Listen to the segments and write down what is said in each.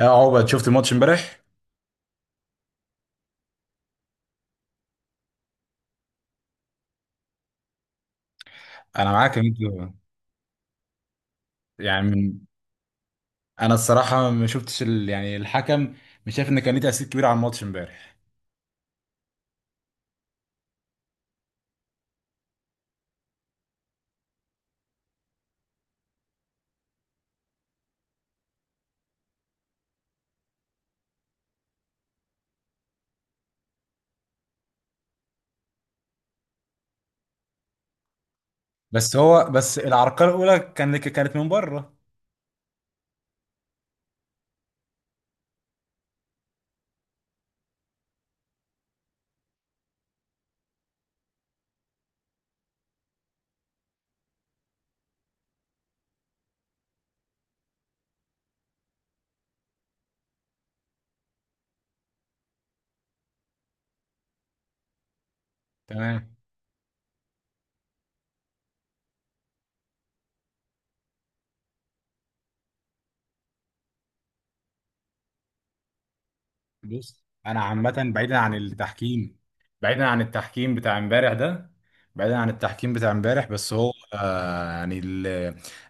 اه عقبة، شفت الماتش امبارح؟ انا معاك ان انت يعني من- انا الصراحه ما شفتش ال... يعني الحكم، مش شايف ان كان ليه تاثير كبير على الماتش امبارح. بس العرقله الاولى كانت من بره. تمام. بص، انا عامه بعيدا عن التحكيم، بعيدا عن التحكيم بتاع امبارح ده بعيدا عن التحكيم بتاع امبارح، بس هو آه يعني ال-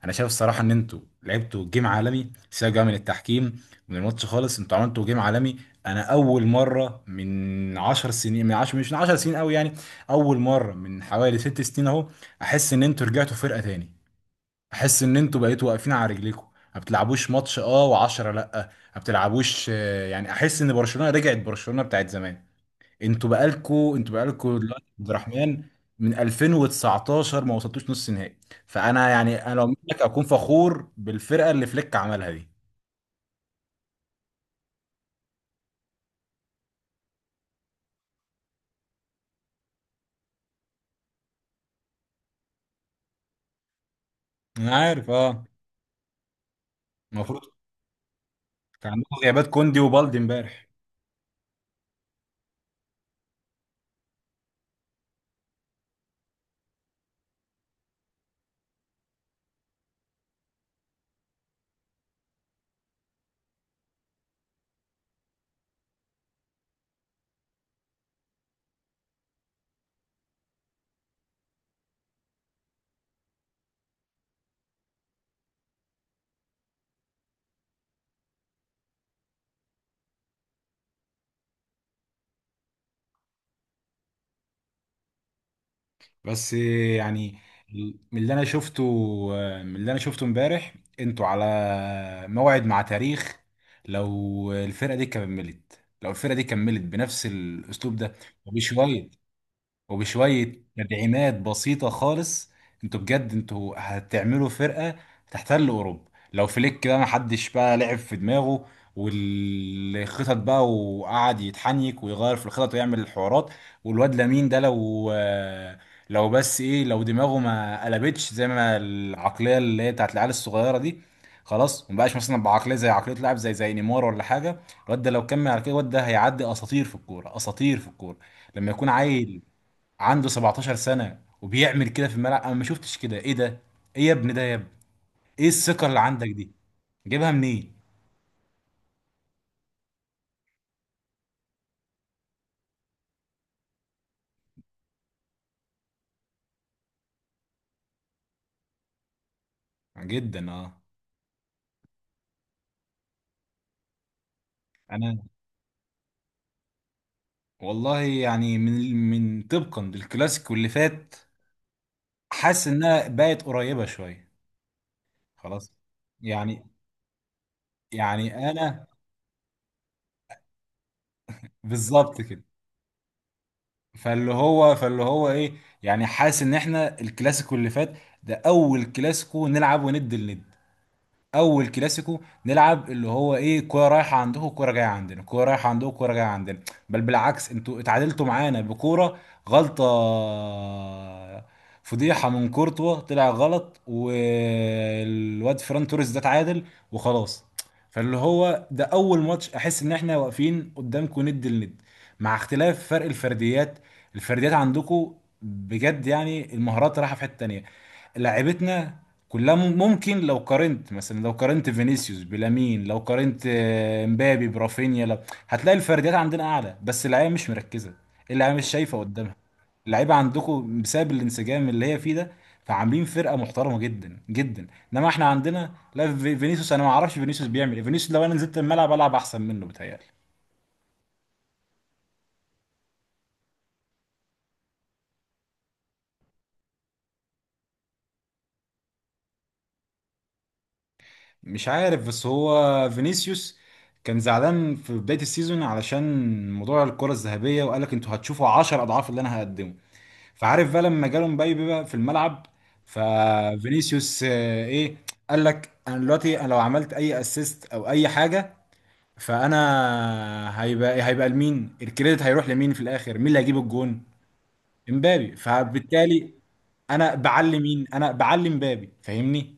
انا شايف الصراحه ان انتوا لعبتوا جيم عالمي. سيبك بقى من التحكيم، من الماتش خالص، انتوا عملتوا جيم عالمي. انا اول مره من 10 سنين، من 10 مش من 10 سنين قوي يعني، اول مره من حوالي ست سنين اهو، احس ان انتوا رجعتوا فرقه تاني، احس ان انتوا بقيتوا واقفين على رجليكم. ما بتلعبوش ماتش اه و10 لا، ما بتلعبوش يعني احس ان برشلونه رجعت برشلونه بتاعت زمان. انتوا بقالكوا دلوقتي عبد الرحمن، من 2019 ما وصلتوش نص نهائي. فانا انا لو منك اكون فخور بالفرقه اللي فليك عملها دي. انا عارف، اه، المفروض كان عندكم غيابات كوندي وبالدي امبارح. بس من اللي انا شفته من اللي انا شفته امبارح، انتوا على موعد مع تاريخ. لو الفرقه دي كملت بنفس الاسلوب ده وبشويه وبشوية تدعيمات بسيطة خالص، انتوا بجد هتعملوا فرقة تحتل أوروبا، لو فليك بقى محدش بقى لعب في دماغه والخطط بقى، وقعد يتحنيك ويغير في الخطط ويعمل الحوارات. والواد لامين ده، لو بس ايه، لو دماغه ما قلبتش زي ما العقلية اللي هي بتاعت العيال الصغيرة دي، خلاص مبقاش مثلا بعقلية زي عقلية لاعب زي نيمار ولا حاجة، الواد ده لو كمل على كده، الواد ده هيعدي أساطير في الكورة، أساطير في الكورة. لما يكون عيل عنده 17 سنة وبيعمل كده في الملعب، انا ما شفتش كده. ايه ده؟ ايه يا ابني؟ ده يا ابني ايه الثقة اللي عندك دي؟ جايبها منين؟ جدا اه. انا والله يعني من من طبقا للكلاسيكو اللي فات، حاسس انها بقت قريبة شوية، خلاص يعني. انا بالظبط كده. فاللي هو ايه، يعني حاسس ان احنا الكلاسيكو اللي فات ده اول كلاسيكو نلعب وند لند، اول كلاسيكو نلعب اللي هو ايه، كوره رايحه عندكم كوره جايه عندنا، كوره رايحه عندكم كوره جايه عندنا. بل بالعكس، انتوا اتعادلتوا معانا بكوره غلطه، فضيحه من كورتوا طلع غلط والواد فران توريس ده اتعادل وخلاص. فاللي هو ده اول ماتش احس ان احنا واقفين قدامكم ند لند، مع اختلاف فرق الفرديات. الفرديات عندكم بجد يعني، المهارات رايحه في حته تانيه. لعيبتنا كلها ممكن، لو قارنت مثلا، لو قارنت فينيسيوس بلامين، لو قارنت مبابي برافينيا، لو هتلاقي الفرديات عندنا اعلى، بس اللعيبه مش مركزه، اللعيبه مش شايفه قدامها. اللعيبه عندكم بسبب الانسجام اللي هي فيه ده، فعاملين فرقه محترمه جدا جدا. انما احنا عندنا لا، فينيسيوس انا ما اعرفش فينيسيوس بيعمل ايه، فينيسيوس لو انا نزلت الملعب العب احسن منه بتهيألي. مش عارف، بس هو فينيسيوس كان زعلان في بداية السيزون علشان موضوع الكرة الذهبية، وقال لك انتوا هتشوفوا 10 اضعاف اللي انا هقدمه، فعارف بقى، لما جاله مبابي بقى في الملعب، ففينيسيوس، ايه، قال لك انا دلوقتي، لو عملت اي اسيست او اي حاجه، فانا هيبقى لمين؟ الكريدت هيروح لمين في الاخر؟ مين اللي هيجيب الجون؟ امبابي. فبالتالي انا بعلي مين؟ انا بعلي امبابي، فاهمني؟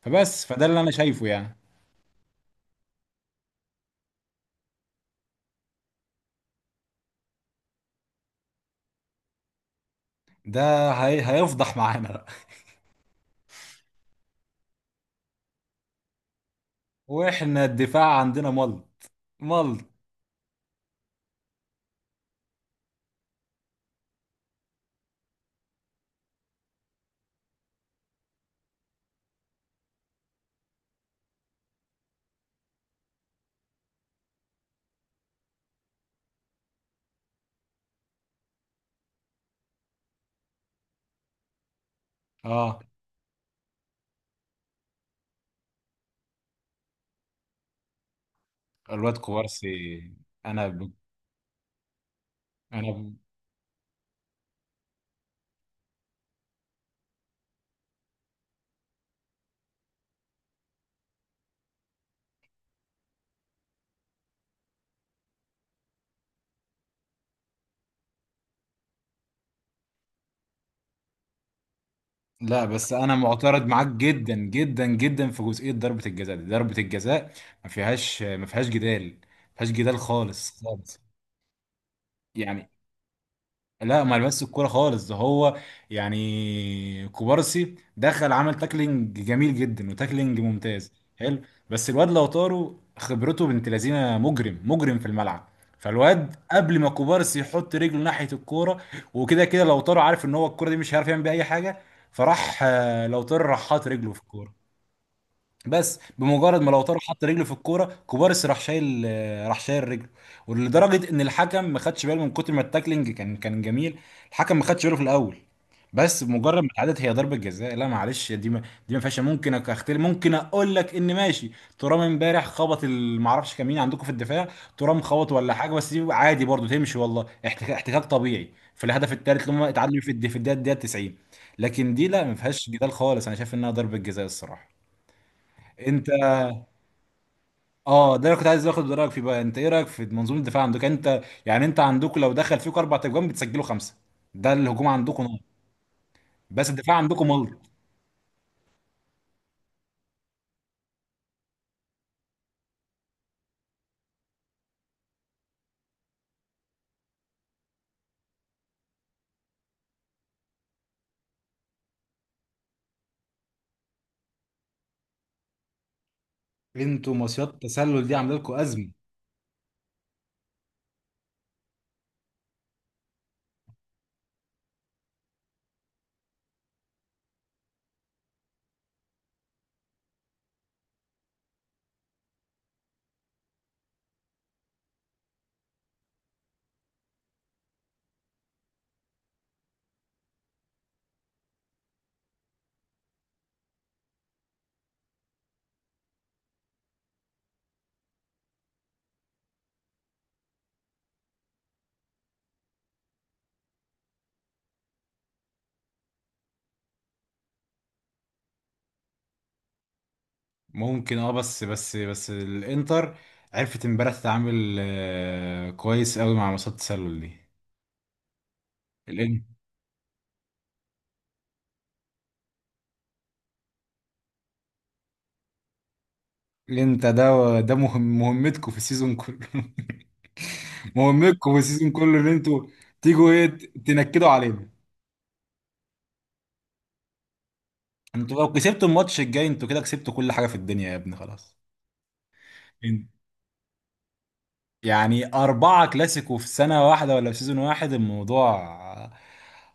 فده اللي انا شايفه يعني. ده هيفضح معانا بقى. واحنا الدفاع عندنا مل مل، اه. الواد كوبارسي، انا ب... انا لا بس انا معترض معاك جدا جدا جدا في جزئيه ضربه الجزاء دي. ضربه الجزاء ما فيهاش جدال، ما فيهاش جدال خالص خالص. يعني لا، ما لمس الكوره خالص، ده هو يعني كوبارسي دخل عمل تاكلينج جميل جدا، وتاكلينج ممتاز حلو، بس الواد لو طاروا خبرته بنت لذينه، مجرم مجرم في الملعب. فالواد قبل ما كوبارسي يحط رجله ناحيه الكوره وكده كده، لو طاروا عارف ان هو الكوره دي مش هيعرف يعمل بيها اي حاجه، فراح لو طار راح حاط رجله في الكوره، بس بمجرد ما لو طاروا حط رجله في الكوره، كوبارس راح شايل، راح شايل رجله، ولدرجه ان الحكم ما خدش باله من كتر ما التاكلينج كان جميل، الحكم ما خدش باله في الاول. بس بمجرد ما اتعادلت، هي ضربه جزاء، لا معلش، دي ما فيهاش، ممكن اختلف، ممكن اقول لك ان ماشي. ترام امبارح خبط ما اعرفش كان مين عندكم في الدفاع، ترام خبط ولا حاجه، بس دي عادي برضو تمشي والله، احتكاك، احتكاك طبيعي في الهدف الثالث اللي هم اتعادلوا فيه، في في الدقيقة 90. لكن دي لا، ما فيهاش جدال خالص، انا شايف انها ضربه جزاء الصراحه. انت، اه، ده انا كنت عايز اخد رايك فيه بقى، انت ايه رايك في منظومه الدفاع عندك انت؟ يعني انت عندكم لو دخل فيكم اربع تجوان بتسجلوا خمسه، ده الهجوم عندكم نار، بس الدفاع عندكم ملط. انتوا مصيدة التسلل دي عامله لكم ازمه؟ ممكن اه، بس الانتر عرفت امبارح تتعامل كويس قوي مع مصيدة التسلل دي الان. انت ده مهم، مهمتكم في السيزون كله مهمتكم في السيزون كله ان انتوا تيجوا ايه، تنكدوا علينا. انتوا لو كسبتوا الماتش الجاي، انتوا كده كسبتوا كل حاجه في الدنيا يا ابني، خلاص. إن- يعني اربعه كلاسيكو في سنه واحده ولا في سيزون واحد، الموضوع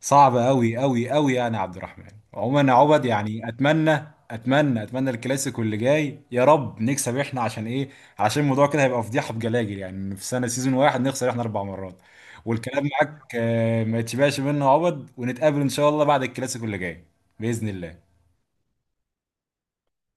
صعب قوي قوي قوي يعني يا عبد الرحمن. عموما يا عبد، يعني اتمنى اتمنى الكلاسيكو اللي جاي يا رب نكسب احنا، عشان ايه؟ عشان الموضوع كده هيبقى فضيحه بجلاجل، يعني إن في سنه سيزون واحد نخسر احنا اربع مرات. والكلام معاك، ما يتشبعش منه يا عبد، ونتقابل ان شاء الله بعد الكلاسيكو اللي جاي باذن الله.